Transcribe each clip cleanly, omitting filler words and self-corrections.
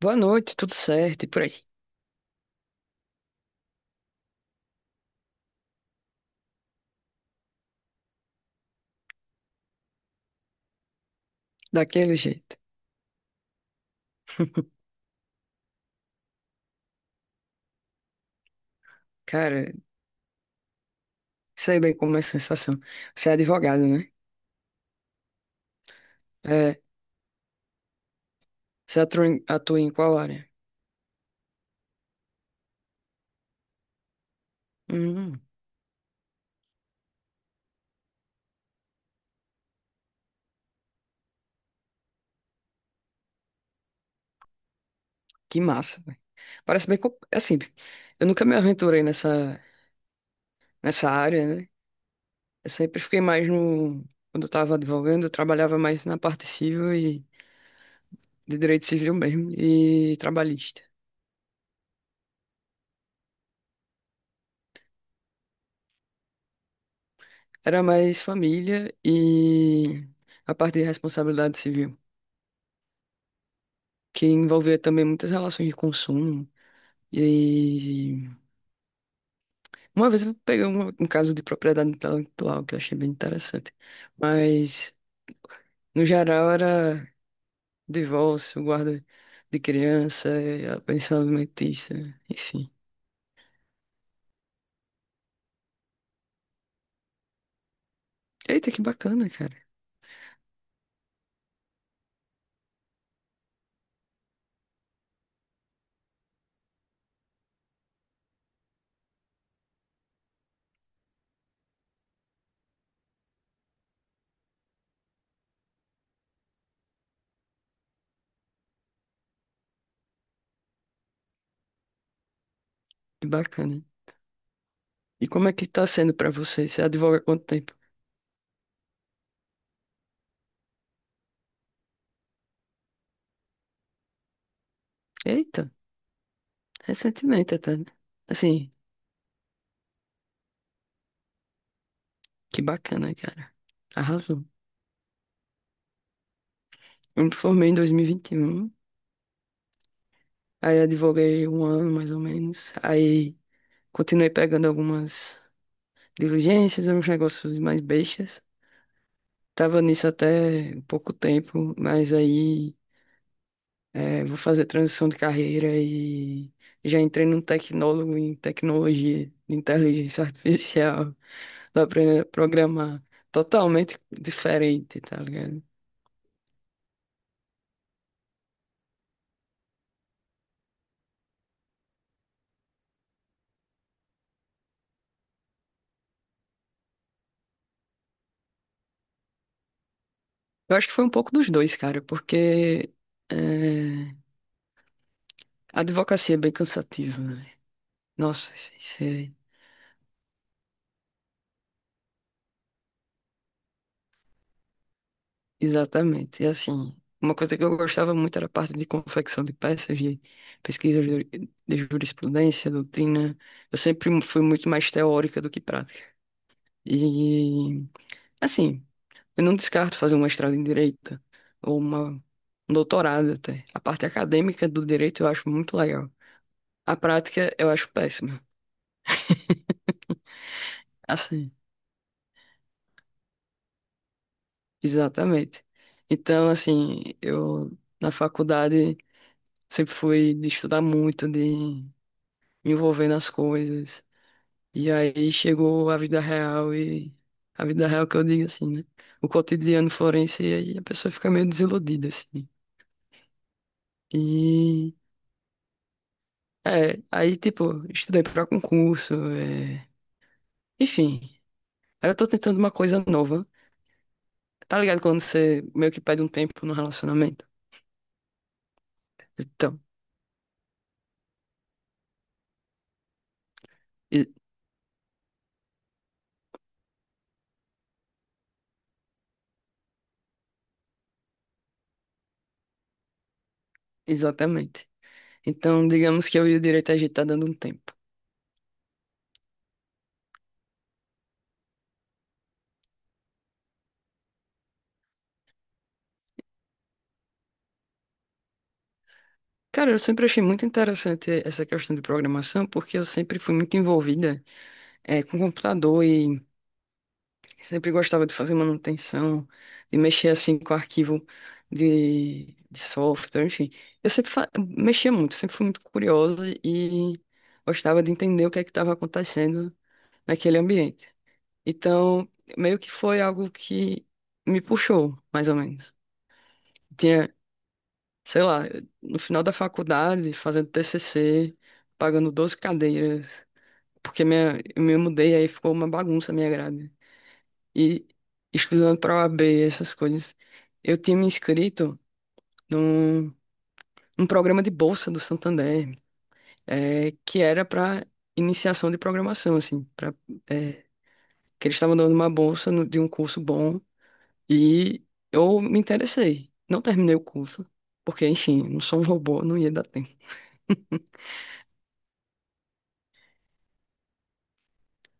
Boa noite, tudo certo e por aí. Daquele jeito. Cara, sei bem como é a sensação. Você é advogado, né? É, você atua em, qual área? Hum, que massa, velho. Parece bem. Assim, eu nunca me aventurei nessa área, né? Eu sempre fiquei mais no. Quando eu tava advogando, eu trabalhava mais na parte civil e de direito civil mesmo e trabalhista. Era mais família e a parte de responsabilidade civil, que envolvia também muitas relações de consumo. E aí, uma vez eu peguei um caso de propriedade intelectual que eu achei bem interessante. Mas, no geral, era divórcio, guarda de criança, a pensão alimentícia, enfim. Eita, que bacana, cara. Que bacana. E como é que tá sendo pra você? Você advoga há quanto tempo? Eita, recentemente até, né? Assim, que bacana, cara. Arrasou. Eu me formei em 2021, aí advoguei um ano mais ou menos, aí continuei pegando algumas. Diligências, uns negócios mais bestas. Tava nisso até pouco tempo, mas aí é, vou fazer transição de carreira e já entrei num tecnólogo em tecnologia de inteligência artificial, dá pra programar totalmente diferente, tá ligado? Eu acho que foi um pouco dos dois, cara, porque é, a advocacia é bem cansativa, né? Nossa, isso é. Exatamente. E assim, uma coisa que eu gostava muito era a parte de confecção de peças, de pesquisa de jurisprudência, doutrina. Eu sempre fui muito mais teórica do que prática. E, assim, eu não descarto fazer um mestrado em direito ou um doutorado até. A parte acadêmica do direito eu acho muito legal. A prática eu acho péssima. Assim, exatamente. Então, assim, eu na faculdade sempre fui de estudar muito, de envolvendo as coisas. E aí chegou a vida real e a vida real que eu digo assim, né? O cotidiano forense e aí a pessoa fica meio desiludida, assim. E é, aí tipo, estudei pra concurso, é... enfim. Aí eu tô tentando uma coisa nova. Tá ligado quando você meio que perde um tempo no relacionamento? Então, e- exatamente. Então, digamos que eu e o direito a gente tá dando um tempo. Cara, eu sempre achei muito interessante essa questão de programação, porque eu sempre fui muito envolvida é, com computador e sempre gostava de fazer manutenção, de mexer assim com arquivo de software, enfim. Eu sempre mexia muito, sempre fui muito curiosa e gostava de entender o que é que estava acontecendo naquele ambiente. Então, meio que foi algo que me puxou, mais ou menos. Tinha, sei lá, no final da faculdade, fazendo TCC, pagando 12 cadeiras, porque minha, eu me mudei, aí ficou uma bagunça a minha grade. E estudando para o OAB, essas coisas, eu tinha me inscrito num, num programa de bolsa do Santander, é, que era para iniciação de programação, assim, pra, é, que eles estavam dando uma bolsa de um curso bom e eu me interessei. Não terminei o curso, porque, enfim, não sou um robô, não ia dar tempo.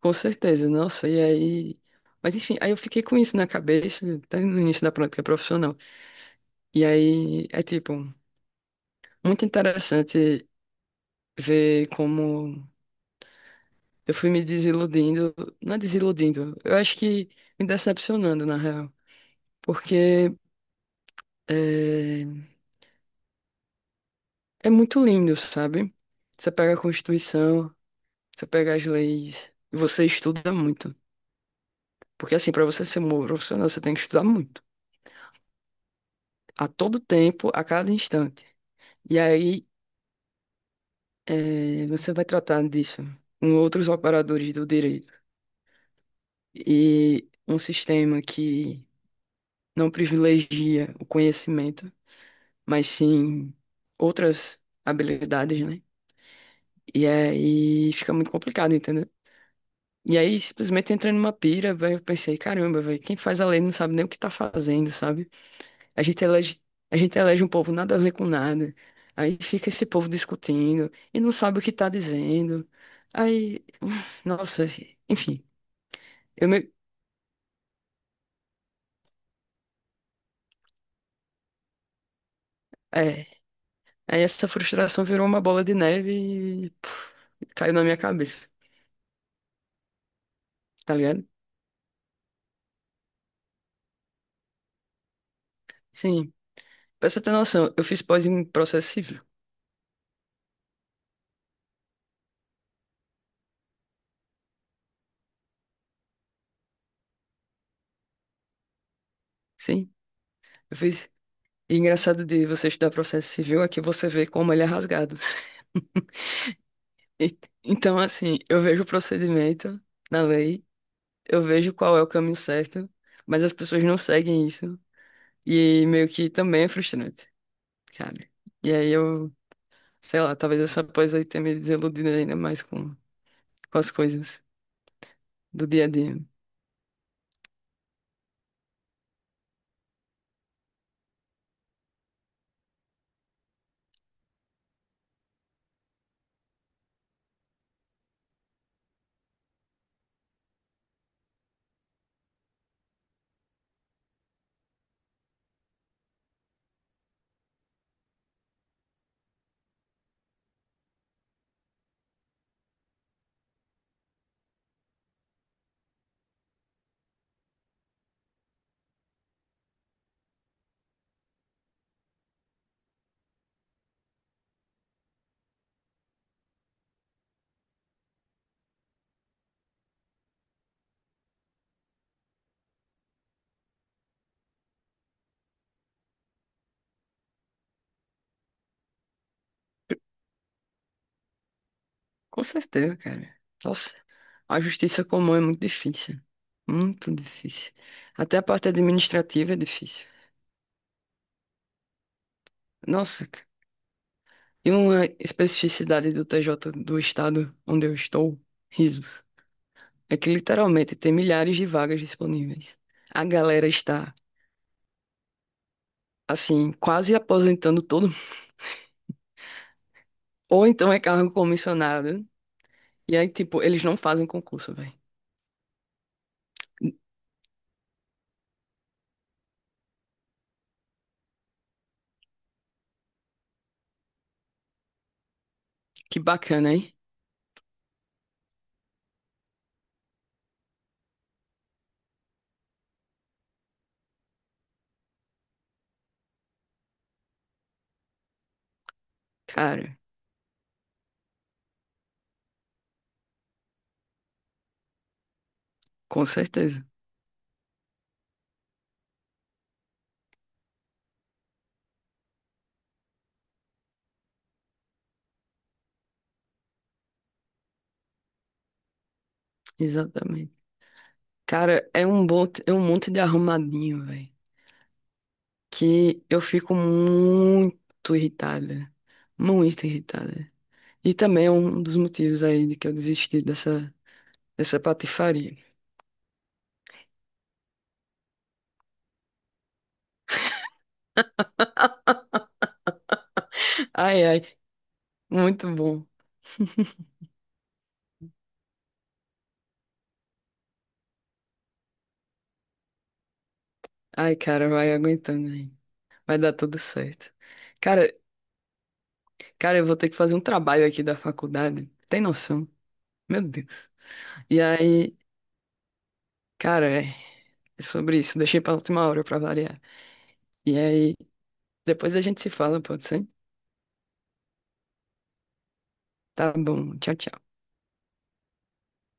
Com certeza, nossa, e aí. Mas enfim, aí eu fiquei com isso na cabeça, até no início da prática profissional. E aí é tipo, muito interessante ver como eu fui me desiludindo, não é desiludindo, eu acho que me decepcionando, na real, porque é, é muito lindo, sabe? Você pega a Constituição, você pega as leis, e você estuda muito. Porque, assim, para você ser um bom profissional, você tem que estudar muito, a todo tempo, a cada instante. E aí, é, você vai tratar disso com outros operadores do direito. E um sistema que não privilegia o conhecimento mas sim outras habilidades, né? E aí fica muito complicado, entendeu? E aí simplesmente entra numa pira, velho, eu pensei, caramba, velho, quem faz a lei não sabe nem o que tá fazendo, sabe? A gente elege, a gente elege um povo nada a ver com nada. Aí fica esse povo discutindo e não sabe o que tá dizendo. Aí, nossa, enfim, eu me, é, aí essa frustração virou uma bola de neve e puf, caiu na minha cabeça, tá ligado? Sim. Pra você ter noção, eu fiz pós em processo civil. Sim, eu fiz. E é engraçado de você estudar processo civil é que você vê como ele é rasgado. E- Então, assim, eu vejo o procedimento na lei, eu vejo qual é o caminho certo, mas as pessoas não seguem isso. E meio que também é frustrante, sabe? E aí eu, sei lá, talvez essa pós aí tenha me desiludido ainda mais com as coisas do dia a dia. Com certeza, cara. Nossa. A justiça comum é muito difícil. Muito difícil. Até a parte administrativa é difícil. Nossa, cara. E uma especificidade do TJ do estado onde eu estou, risos, é que literalmente tem milhares de vagas disponíveis. A galera está, assim, quase aposentando todo mundo. Ou então é cargo comissionado. E aí, tipo, eles não fazem concurso, velho. Que bacana, hein? Cara, com certeza. Exatamente. Cara, é um, bot... é um monte de arrumadinho, velho. Que eu fico muito irritada, muito irritada. E também é um dos motivos aí de que eu desisti dessa patifaria. Ai, ai, muito bom. Ai, cara, vai aguentando aí. Vai dar tudo certo. Cara, cara, eu vou ter que fazer um trabalho aqui da faculdade. Tem noção? Meu Deus. E aí, cara, é sobre isso. Deixei pra última hora pra variar. E aí, depois a gente se fala, pode ser? Tá bom. Tchau, tchau.